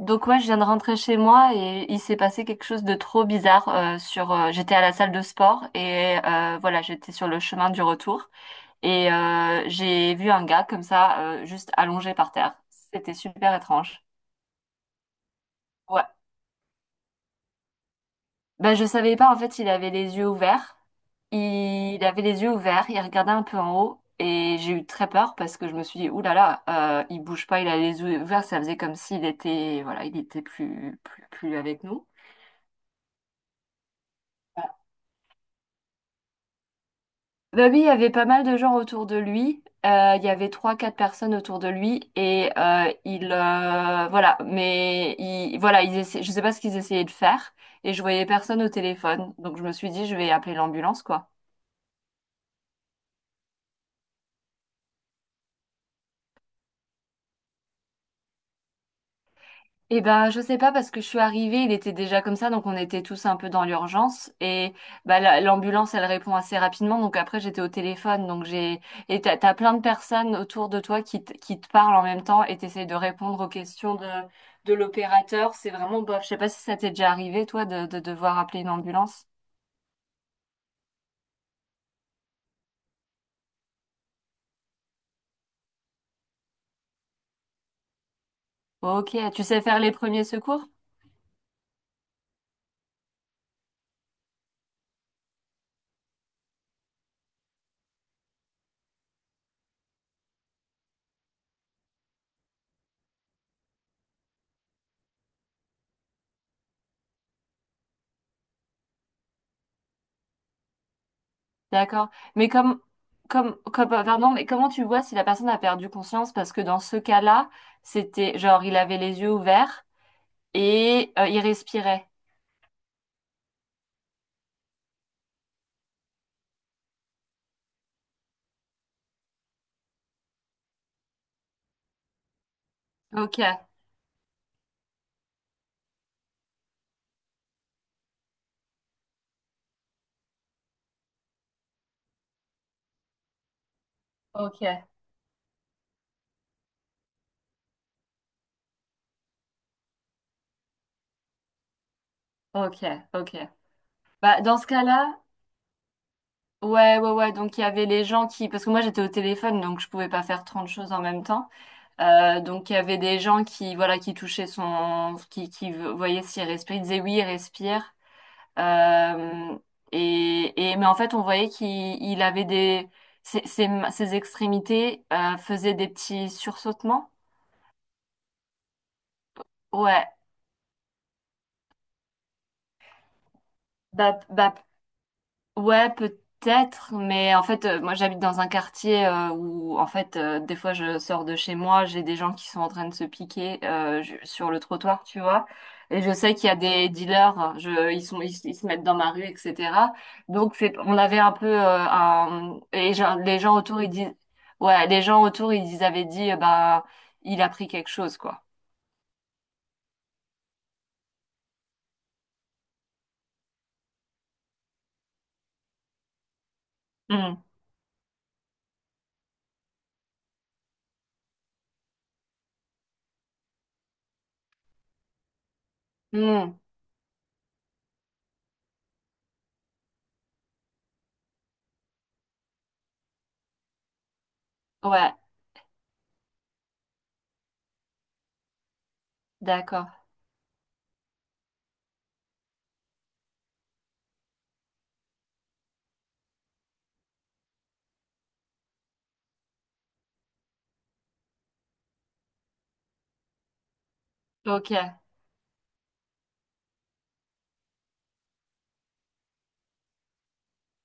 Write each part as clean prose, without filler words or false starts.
Donc ouais, je viens de rentrer chez moi et il s'est passé quelque chose de trop bizarre sur j'étais à la salle de sport voilà, j'étais sur le chemin du retour j'ai vu un gars comme ça juste allongé par terre. C'était super étrange. Ouais. Ben je savais pas en fait, il avait les yeux ouverts. Il avait les yeux ouverts, il regardait un peu en haut et j'ai eu très peur parce que je me suis dit ouh là là, il bouge pas, il a les yeux ouverts, ça faisait comme s'il était voilà, il était plus avec nous. Bah oui, il y avait pas mal de gens autour de lui. Il y avait trois, quatre personnes autour de lui et il voilà. Mais il, voilà, ils essaient, je sais pas ce qu'ils essayaient de faire et je voyais personne au téléphone. Donc je me suis dit, je vais appeler l'ambulance, quoi. Eh ben, je sais pas parce que je suis arrivée, il était déjà comme ça, donc on était tous un peu dans l'urgence et bah l'ambulance elle répond assez rapidement, donc après j'étais au téléphone, donc j'ai et t'as plein de personnes autour de toi qui te parlent en même temps et t'essayes de répondre aux questions de l'opérateur, c'est vraiment bof. Je sais pas si ça t'est déjà arrivé toi de devoir appeler une ambulance. Ok, tu sais faire les premiers secours? D'accord, mais comme pardon, mais comment tu vois si la personne a perdu conscience parce que dans ce cas-là c'était genre il avait les yeux ouverts. Et il respirait. Ok, ok, ok, ok. Bah, dans ce cas-là, ouais, ouais, ouais. Donc, il y avait les gens qui. Parce que moi, j'étais au téléphone, donc je pouvais pas faire 30 choses en même temps. Donc, il y avait des gens qui, voilà, qui touchaient son. Qui voyaient s'il respirait. Ils disaient oui, il respire. Euh, mais en fait, on voyait qu'il il avait des. Ses extrémités faisaient des petits sursautements. Ouais. Bah, ouais, peut-être, mais en fait, moi j'habite dans un quartier où, en fait, des fois je sors de chez moi, j'ai des gens qui sont en train de se piquer sur le trottoir, tu vois. Et je sais qu'il y a des dealers, ils sont, ils se mettent dans ma rue, etc. Donc c'est, on avait un peu un, et les gens autour ils disent, ouais, les gens autour ils avaient dit, bah, il a pris quelque chose, quoi. Hmm. Hmm. Ouais, d'accord. Ok,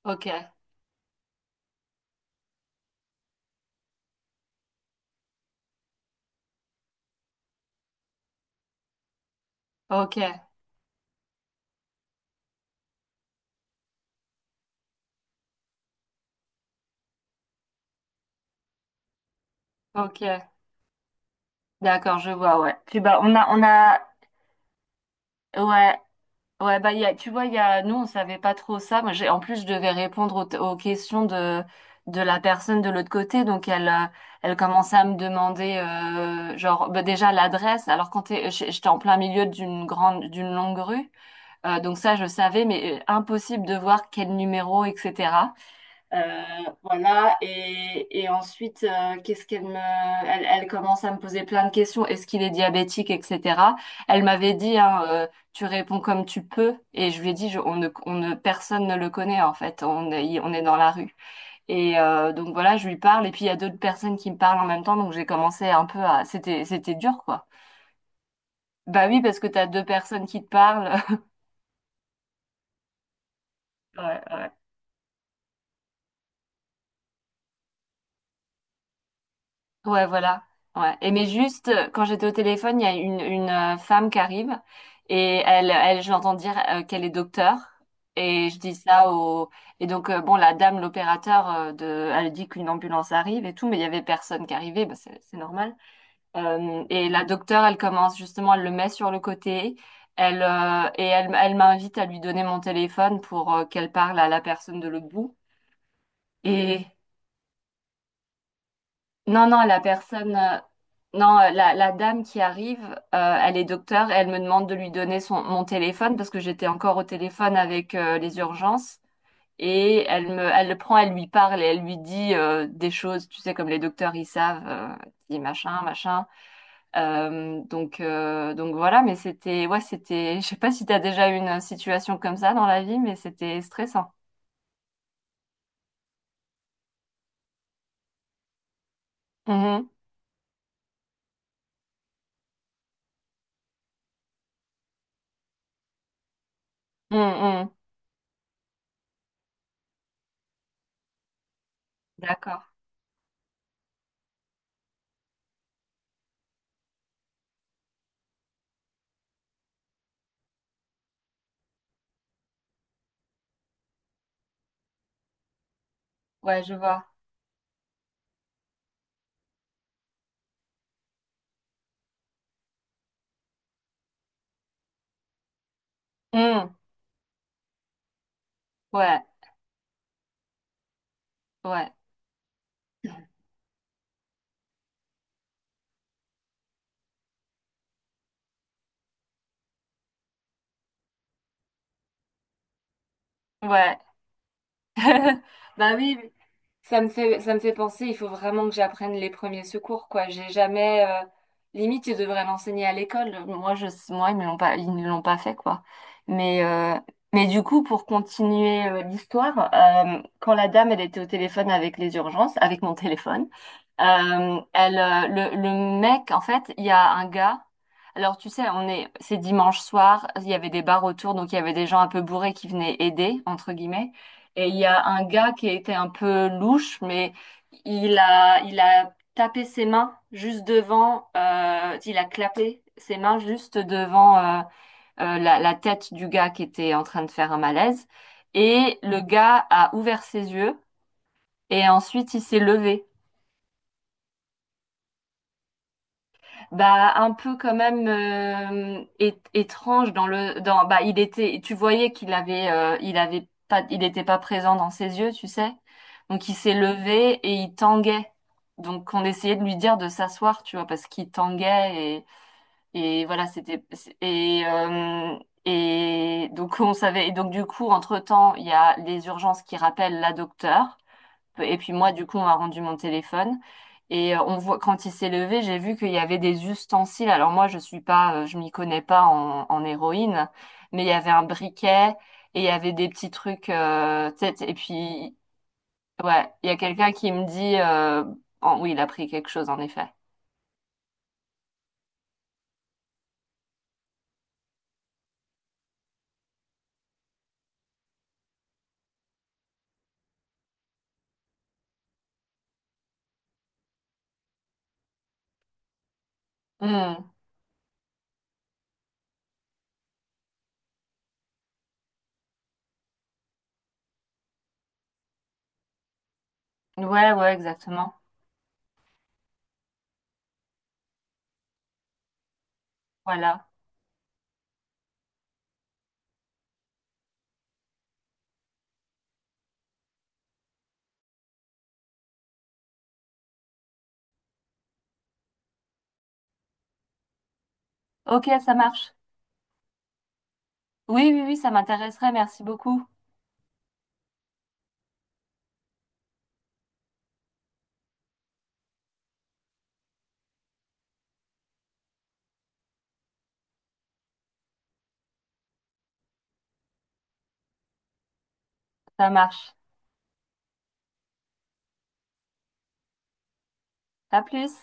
ok, ok, ok. D'accord, je vois, ouais. Puis bah on a ouais, ouais bah, il y a, tu vois, il y a nous, on savait pas trop ça. Moi j'ai en plus je devais répondre aux questions de la personne de l'autre côté donc elle commençait à me demander genre bah, déjà l'adresse. Alors quand t'es j'étais en plein milieu d'une longue rue donc ça je savais mais impossible de voir quel numéro etc. Euh, voilà, et ensuite, qu'est-ce qu'elle me... Elle commence à me poser plein de questions. Est-ce qu'il est diabétique, etc. Elle m'avait dit, hein, tu réponds comme tu peux. Et je lui ai dit, je- on ne, personne ne le connaît, en fait. On est dans la rue. Et donc voilà, je lui parle. Et puis, il y a d'autres personnes qui me parlent en même temps. Donc, j'ai commencé un peu à... C'était dur, quoi. Bah oui, parce que t'as deux personnes qui te parlent. Ouais, ouais. Ouais, voilà. Ouais. Et mais juste, quand j'étais au téléphone, il y a une femme qui arrive et je l'entends dire qu'elle est docteur. Et je dis ça au... Et donc, bon, la dame, l'opérateur, de... elle dit qu'une ambulance arrive et tout, mais il y avait personne qui arrivait, bah, c'est normal. Et la docteure, elle commence justement, elle le met sur le côté. Elle m'invite à lui donner mon téléphone pour qu'elle parle à la personne de l'autre bout. Et Non, non, la personne, non, la dame qui arrive, elle est docteur et elle me demande de lui donner mon téléphone parce que j'étais encore au téléphone avec les urgences et elle le prend, elle lui parle et elle lui dit des choses, tu sais, comme les docteurs ils savent, dit machin, machin. Donc, voilà, mais c'était, ouais, c'était, je sais pas si t'as déjà eu une situation comme ça dans la vie, mais c'était stressant. Mhm. Mm, mm. D'accord. Ouais, je vois. Mm. Ouais, ouais, ouais. Bah oui, oui. Ça me fait penser, il faut vraiment que j'apprenne les premiers secours, quoi. J'ai jamais, limite, ils devraient l'enseigner à l'école. Moi, ils me l'ont pas, ils ne l'ont pas fait, quoi. Mais, euh, mais du coup, pour continuer, l'histoire, quand la dame, elle était au téléphone avec les urgences, avec mon téléphone, le mec, en fait, il y a un gars. Alors, tu sais, on est, c'est dimanche soir, il y avait des bars autour, donc il y avait des gens un peu bourrés qui venaient aider, entre guillemets. Et il y a un gars qui était un peu louche, mais il a tapé ses mains juste devant, il a clapé ses mains juste devant la tête du gars qui était en train de faire un malaise. Et le gars a ouvert ses yeux et ensuite il s'est levé. Bah, un peu quand même étrange, dans le dans bah il était, tu voyais qu'il avait il avait pas, il était pas présent dans ses yeux, tu sais. Donc il s'est levé et il tanguait. Donc on essayait de lui dire de s'asseoir, tu vois, parce qu'il tanguait et voilà, c'était c'est- et donc on savait et donc du coup entre-temps, il y a les urgences qui rappellent la docteure et puis moi, du coup, on a rendu mon téléphone. Et on voit, quand il s'est levé, j'ai vu qu'il y avait des ustensiles. Alors moi, je suis pas, je m'y connais pas en héroïne, mais il y avait un briquet et il y avait des petits trucs. Tu sais, et puis, ouais, il y a quelqu'un qui me dit, oh, oui, il a pris quelque chose en effet. Hmm. Ouais, ouais, exactement. Voilà. Ok, ça marche. Oui, oui, oui, ça m'intéresserait. Merci beaucoup. Ça marche. À plus.